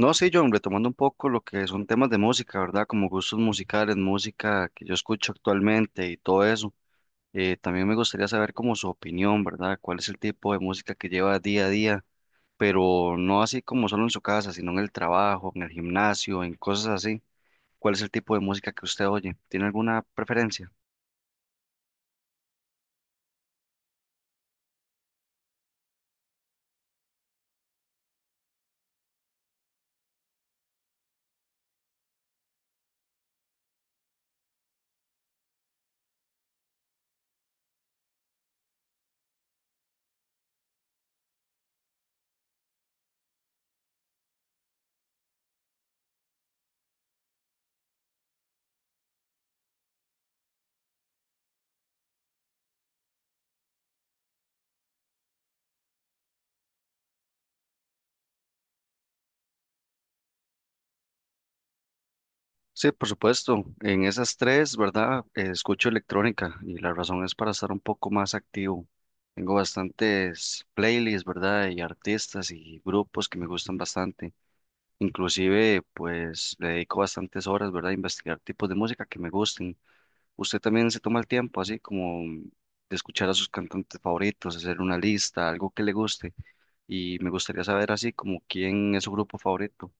No, sí, John, retomando un poco lo que son temas de música, ¿verdad? Como gustos musicales, música que yo escucho actualmente y todo eso. También me gustaría saber como su opinión, ¿verdad? ¿Cuál es el tipo de música que lleva día a día? Pero no así como solo en su casa, sino en el trabajo, en el gimnasio, en cosas así. ¿Cuál es el tipo de música que usted oye? ¿Tiene alguna preferencia? Sí, por supuesto. En esas tres, ¿verdad? Escucho electrónica y la razón es para estar un poco más activo. Tengo bastantes playlists, ¿verdad? Y artistas y grupos que me gustan bastante. Inclusive, pues le dedico bastantes horas, ¿verdad? A investigar tipos de música que me gusten. Usted también se toma el tiempo, así como de escuchar a sus cantantes favoritos, hacer una lista, algo que le guste. Y me gustaría saber así como quién es su grupo favorito.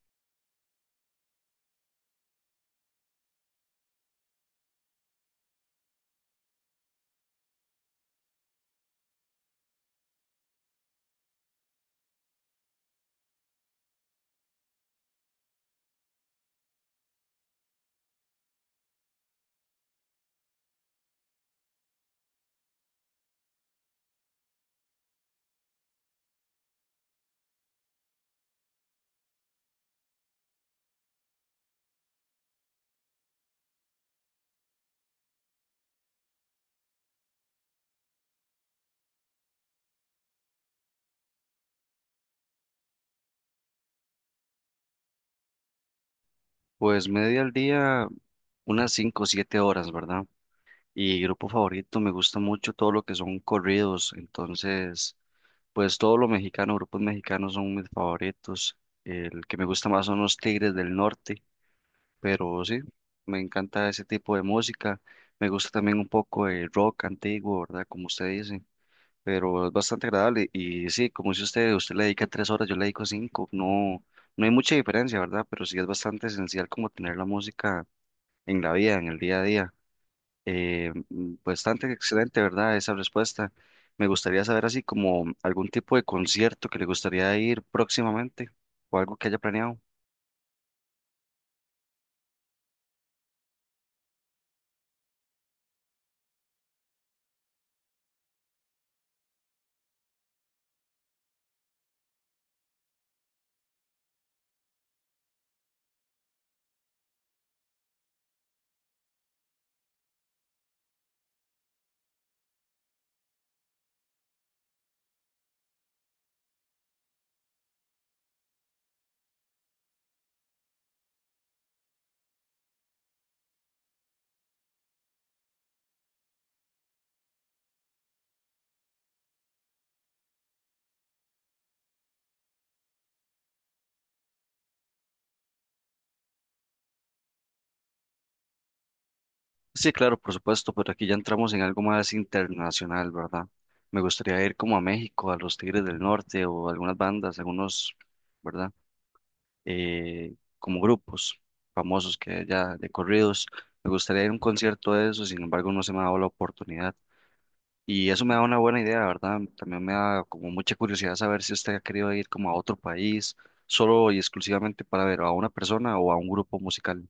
Pues media al día, unas 5 o 7 horas, ¿verdad? Y grupo favorito, me gusta mucho todo lo que son corridos, entonces, pues todo lo mexicano, grupos mexicanos son mis favoritos. El que me gusta más son los Tigres del Norte, pero sí, me encanta ese tipo de música. Me gusta también un poco el rock antiguo, ¿verdad? Como usted dice, pero es bastante agradable. Y sí, como dice usted, usted le dedica 3 horas, yo le dedico 5. No, no hay mucha diferencia, ¿verdad? Pero sí es bastante esencial como tener la música en la vida, en el día a día. Bastante excelente, ¿verdad? Esa respuesta. Me gustaría saber así como algún tipo de concierto que le gustaría ir próximamente o algo que haya planeado. Sí, claro, por supuesto, pero aquí ya entramos en algo más internacional, ¿verdad? Me gustaría ir como a México, a los Tigres del Norte o algunas bandas, algunos, ¿verdad? Como grupos famosos que ya de corridos. Me gustaría ir a un concierto de eso, sin embargo, no se me ha dado la oportunidad. Y eso me da una buena idea, ¿verdad? También me da como mucha curiosidad saber si usted ha querido ir como a otro país, solo y exclusivamente para ver a una persona o a un grupo musical.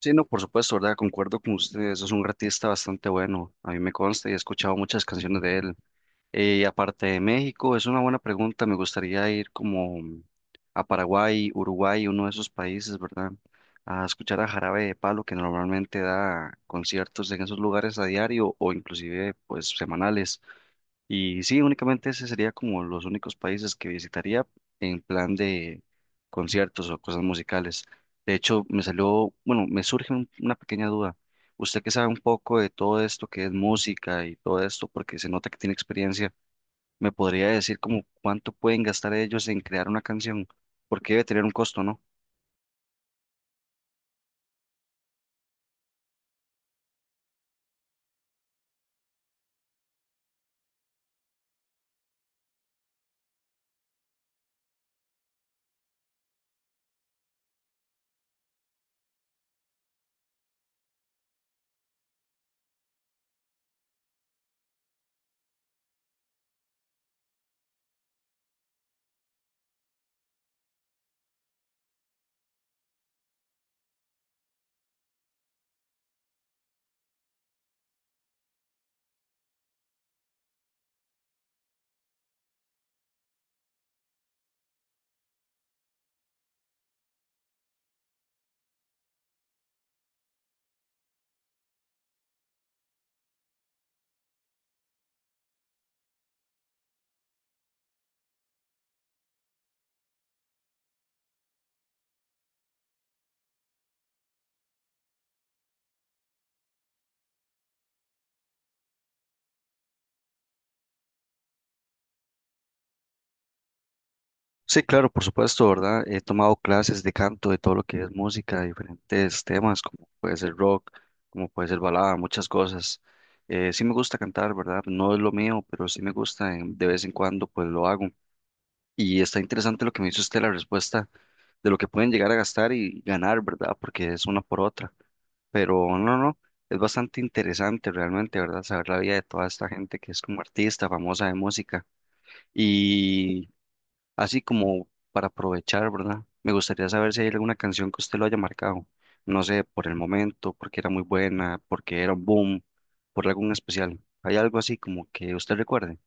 Sí, no, por supuesto, ¿verdad? Concuerdo con ustedes, es un artista bastante bueno, a mí me consta y he escuchado muchas canciones de él. Aparte de México, es una buena pregunta, me gustaría ir como a Paraguay, Uruguay, uno de esos países, ¿verdad? A escuchar a Jarabe de Palo, que normalmente da conciertos en esos lugares a diario o inclusive pues semanales. Y sí, únicamente ese sería como los únicos países que visitaría en plan de conciertos o cosas musicales. De hecho, me salió, bueno, me surge una pequeña duda. Usted que sabe un poco de todo esto que es música y todo esto, porque se nota que tiene experiencia, ¿me podría decir como cuánto pueden gastar ellos en crear una canción? Porque debe tener un costo, ¿no? Sí, claro, por supuesto, ¿verdad? He tomado clases de canto, de todo lo que es música, diferentes temas, como puede ser rock, como puede ser balada, muchas cosas. Sí me gusta cantar, ¿verdad? No es lo mío, pero sí me gusta, de vez en cuando pues lo hago. Y está interesante lo que me hizo usted, la respuesta de lo que pueden llegar a gastar y ganar, ¿verdad? Porque es una por otra. Pero no, no, es bastante interesante realmente, ¿verdad? Saber la vida de toda esta gente que es como artista, famosa de música. Y así como para aprovechar, ¿verdad? Me gustaría saber si hay alguna canción que usted lo haya marcado, no sé, por el momento, porque era muy buena, porque era un boom, por algún especial. ¿Hay algo así como que usted recuerde?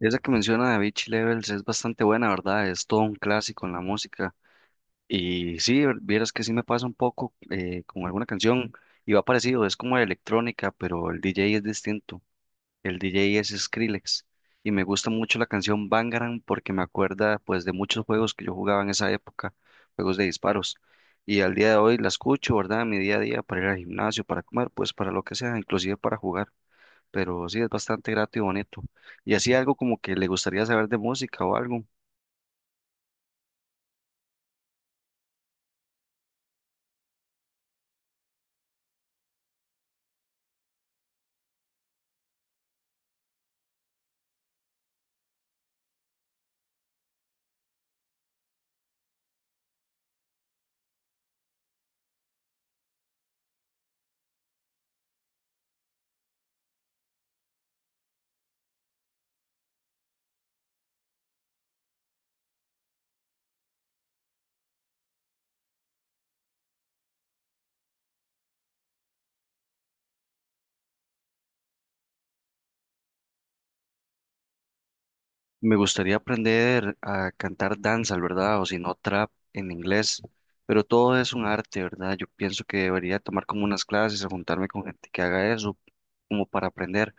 Esa que menciona de Beach Levels es bastante buena, ¿verdad? Es todo un clásico en la música. Y sí, vieras que sí me pasa un poco con alguna canción y va parecido, es como electrónica, pero el DJ es distinto. El DJ es Skrillex y me gusta mucho la canción Bangarang porque me acuerda pues de muchos juegos que yo jugaba en esa época, juegos de disparos. Y al día de hoy la escucho, ¿verdad? En mi día a día para ir al gimnasio, para comer, pues para lo que sea, inclusive para jugar. Pero sí es bastante grato y bonito. Y así algo como que le gustaría saber de música o algo. Me gustaría aprender a cantar danzas, ¿verdad? O si no, trap en inglés. Pero todo es un arte, ¿verdad? Yo pienso que debería tomar como unas clases o juntarme con gente que haga eso, como para aprender.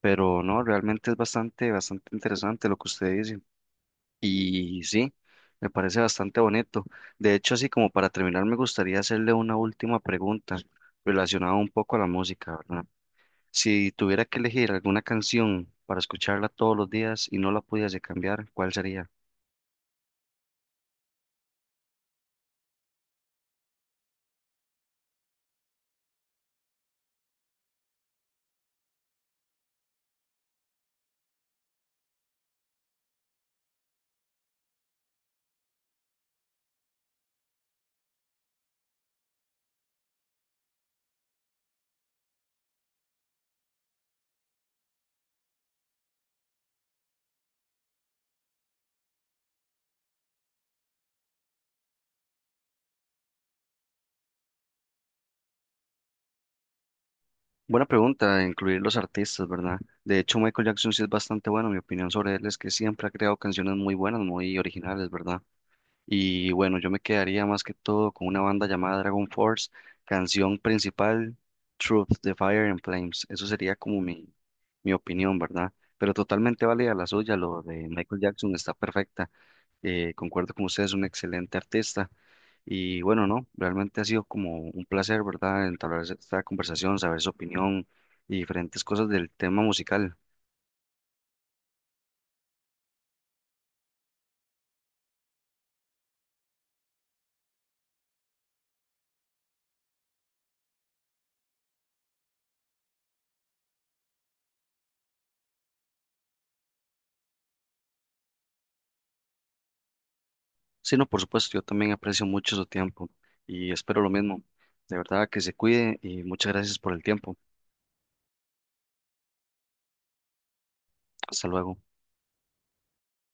Pero no, realmente es bastante, bastante interesante lo que usted dice. Y sí, me parece bastante bonito. De hecho, así como para terminar, me gustaría hacerle una última pregunta relacionada un poco a la música, ¿verdad? Si tuviera que elegir alguna canción para escucharla todos los días y no la pudiese cambiar, ¿cuál sería? Buena pregunta, incluir los artistas, ¿verdad? De hecho, Michael Jackson sí es bastante bueno. Mi opinión sobre él es que siempre ha creado canciones muy buenas, muy originales, ¿verdad? Y bueno, yo me quedaría más que todo con una banda llamada Dragon Force, canción principal, Truth, de Fire and Flames. Eso sería como mi opinión, ¿verdad? Pero totalmente válida la suya, lo de Michael Jackson está perfecta. Concuerdo con usted, es un excelente artista. Y bueno, no, realmente ha sido como un placer, ¿verdad?, entablar esta conversación, saber su opinión y diferentes cosas del tema musical. Sí, no, por supuesto, yo también aprecio mucho su tiempo y espero lo mismo. De verdad que se cuide y muchas gracias por el tiempo. Hasta luego.